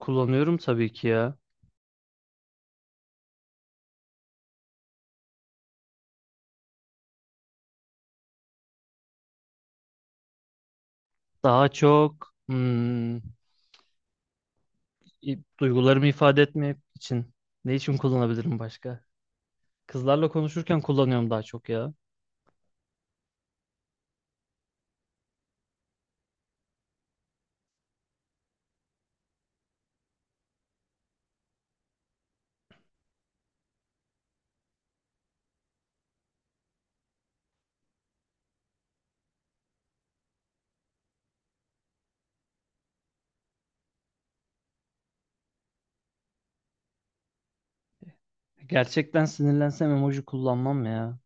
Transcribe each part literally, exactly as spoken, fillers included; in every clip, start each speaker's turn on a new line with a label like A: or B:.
A: Kullanıyorum tabii ki ya. Daha çok hmm, i- duygularımı ifade etmek için. Ne için kullanabilirim başka? Kızlarla konuşurken kullanıyorum daha çok ya. Gerçekten sinirlensem emoji kullanmam ya.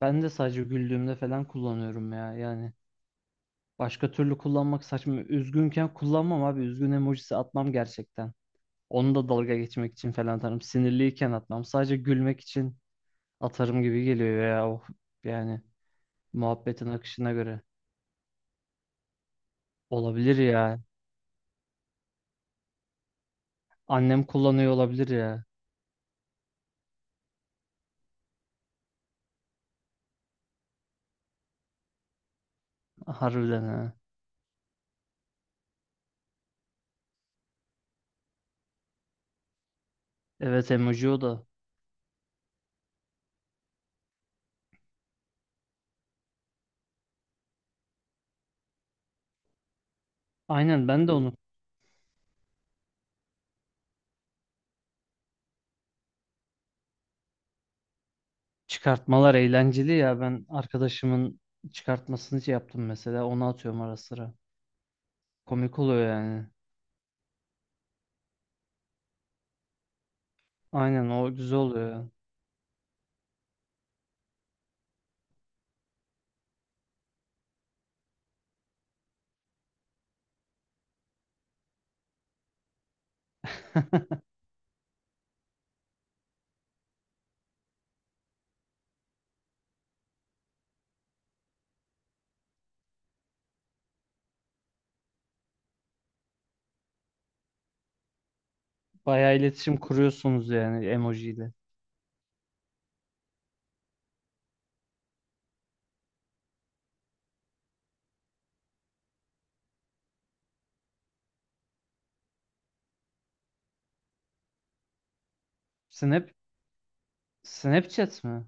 A: Ben de sadece güldüğümde falan kullanıyorum ya. Yani başka türlü kullanmak saçma. Üzgünken kullanmam abi. Üzgün emojisi atmam gerçekten. Onu da dalga geçmek için falan atarım. Sinirliyken atmam. Sadece gülmek için atarım gibi geliyor ya. Of, yani muhabbetin akışına göre. Olabilir ya. Annem kullanıyor olabilir ya. Harbiden ha. Evet emoji o da. Aynen ben de onu. Çıkartmalar eğlenceli ya. Ben arkadaşımın çıkartmasını şey yaptım mesela. Onu atıyorum ara sıra. Komik oluyor yani. Aynen o güzel oluyor ya. Bayağı iletişim kuruyorsunuz yani emojiyle. Snap, Snapchat mi?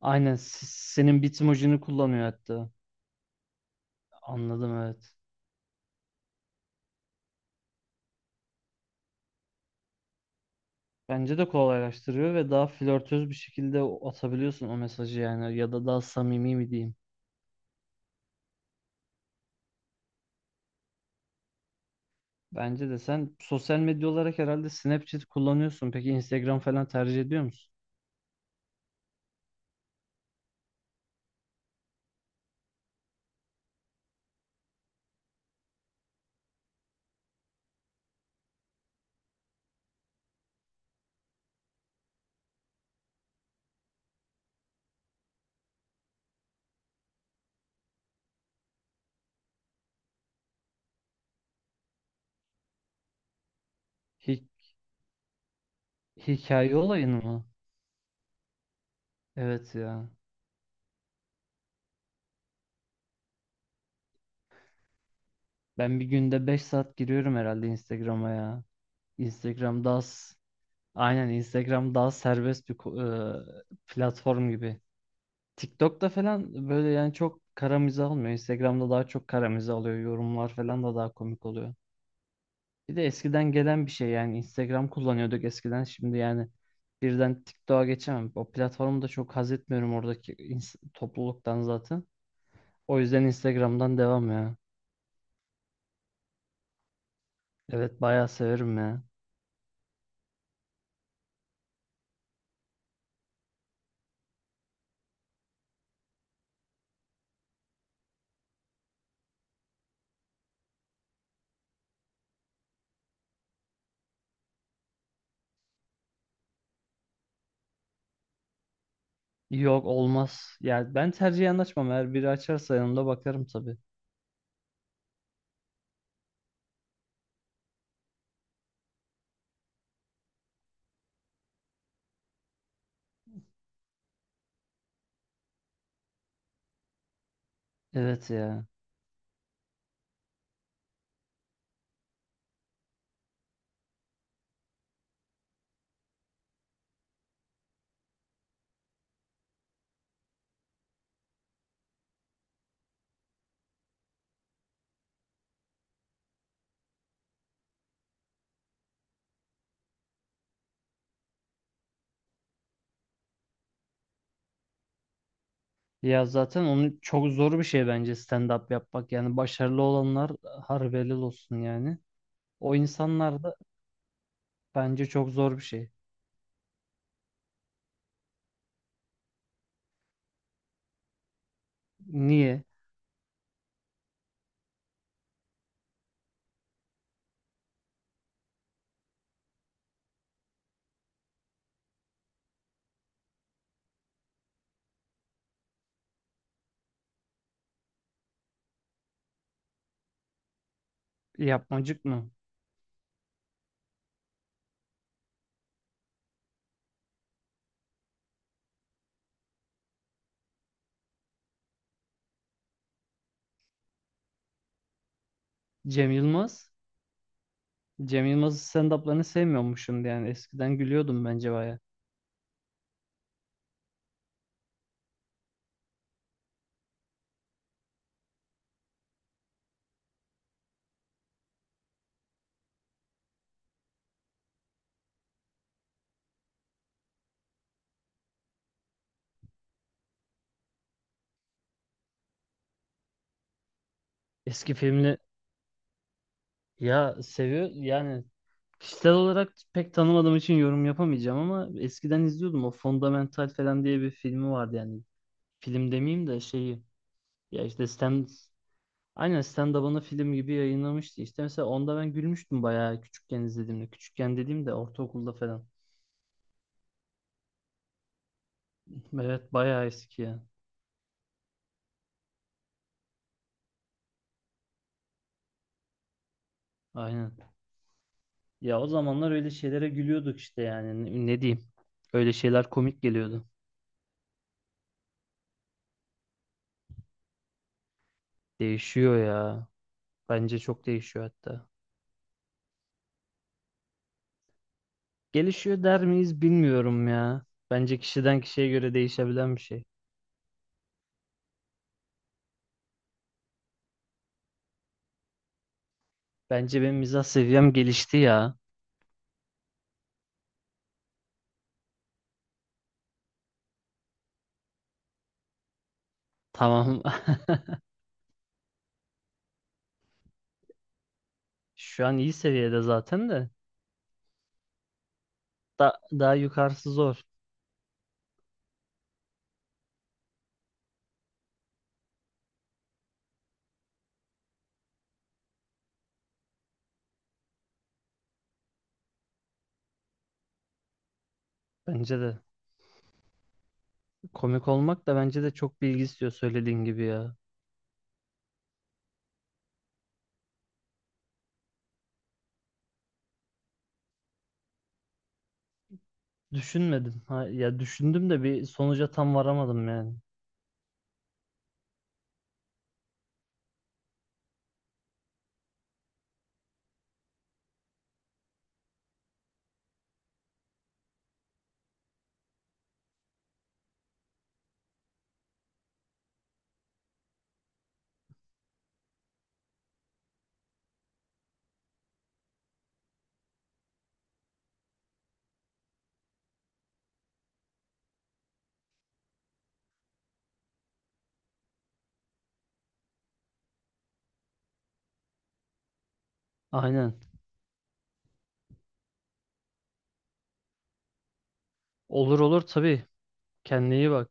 A: Aynen s- senin bitmojini kullanıyor hatta. Anladım evet. Bence de kolaylaştırıyor ve daha flörtöz bir şekilde o- atabiliyorsun o mesajı, yani ya da daha samimi mi diyeyim. Bence de sen sosyal medya olarak herhalde Snapchat kullanıyorsun. Peki Instagram falan tercih ediyor musun? Hi- hikaye olayını mı? Evet ya. Ben bir günde beş saat giriyorum herhalde Instagram'a ya. Instagram daha s- aynen Instagram daha serbest bir ko- e, platform gibi. TikTok'ta falan böyle yani çok kara mizah olmuyor. Instagram'da daha çok kara mizah oluyor. Yorumlar falan da daha komik oluyor. Bir de eskiden gelen bir şey, yani Instagram kullanıyorduk eskiden, şimdi yani birden TikTok'a geçemem. O platformu da çok haz etmiyorum oradaki ins- topluluktan zaten. O yüzden Instagram'dan devam ya. Evet bayağı severim ya. Yok olmaz. Yani ben tercihen açmam. Eğer biri açarsa yanımda bakarım tabii. Evet ya. Ya zaten onun çok zor bir şey bence stand-up yapmak. Yani başarılı olanlar harbi helal olsun yani. O insanlar da bence çok zor bir şey. Niye? Yapmacık mı? Cem Yılmaz. Cem Yılmaz'ın stand-up'larını sevmiyormuşum yani. Eskiden gülüyordum bence baya. Eski filmle ya seviyor yani, kişisel olarak pek tanımadığım için yorum yapamayacağım ama eskiden izliyordum. O Fundamental falan diye bir filmi vardı yani. Film demeyeyim de şeyi, ya işte stand aynen stand-up'ını film gibi yayınlamıştı. İşte mesela onda ben gülmüştüm bayağı küçükken izlediğimde. Küçükken dediğimde ortaokulda falan. Evet bayağı eski ya. Aynen. Ya o zamanlar öyle şeylere gülüyorduk işte yani ne, ne diyeyim. Öyle şeyler komik geliyordu. Değişiyor ya. Bence çok değişiyor hatta. Gelişiyor der miyiz bilmiyorum ya. Bence kişiden kişiye göre değişebilen bir şey. Bence benim mizah seviyem gelişti ya. Tamam. Şu an iyi seviyede zaten de. Da, daha yukarısı zor. Bence de. Komik olmak da bence de çok bilgi istiyor söylediğin gibi ya. Düşünmedim. Ha, ya düşündüm de bir sonuca tam varamadım yani. Aynen. Olur olur tabii. Kendine iyi bak.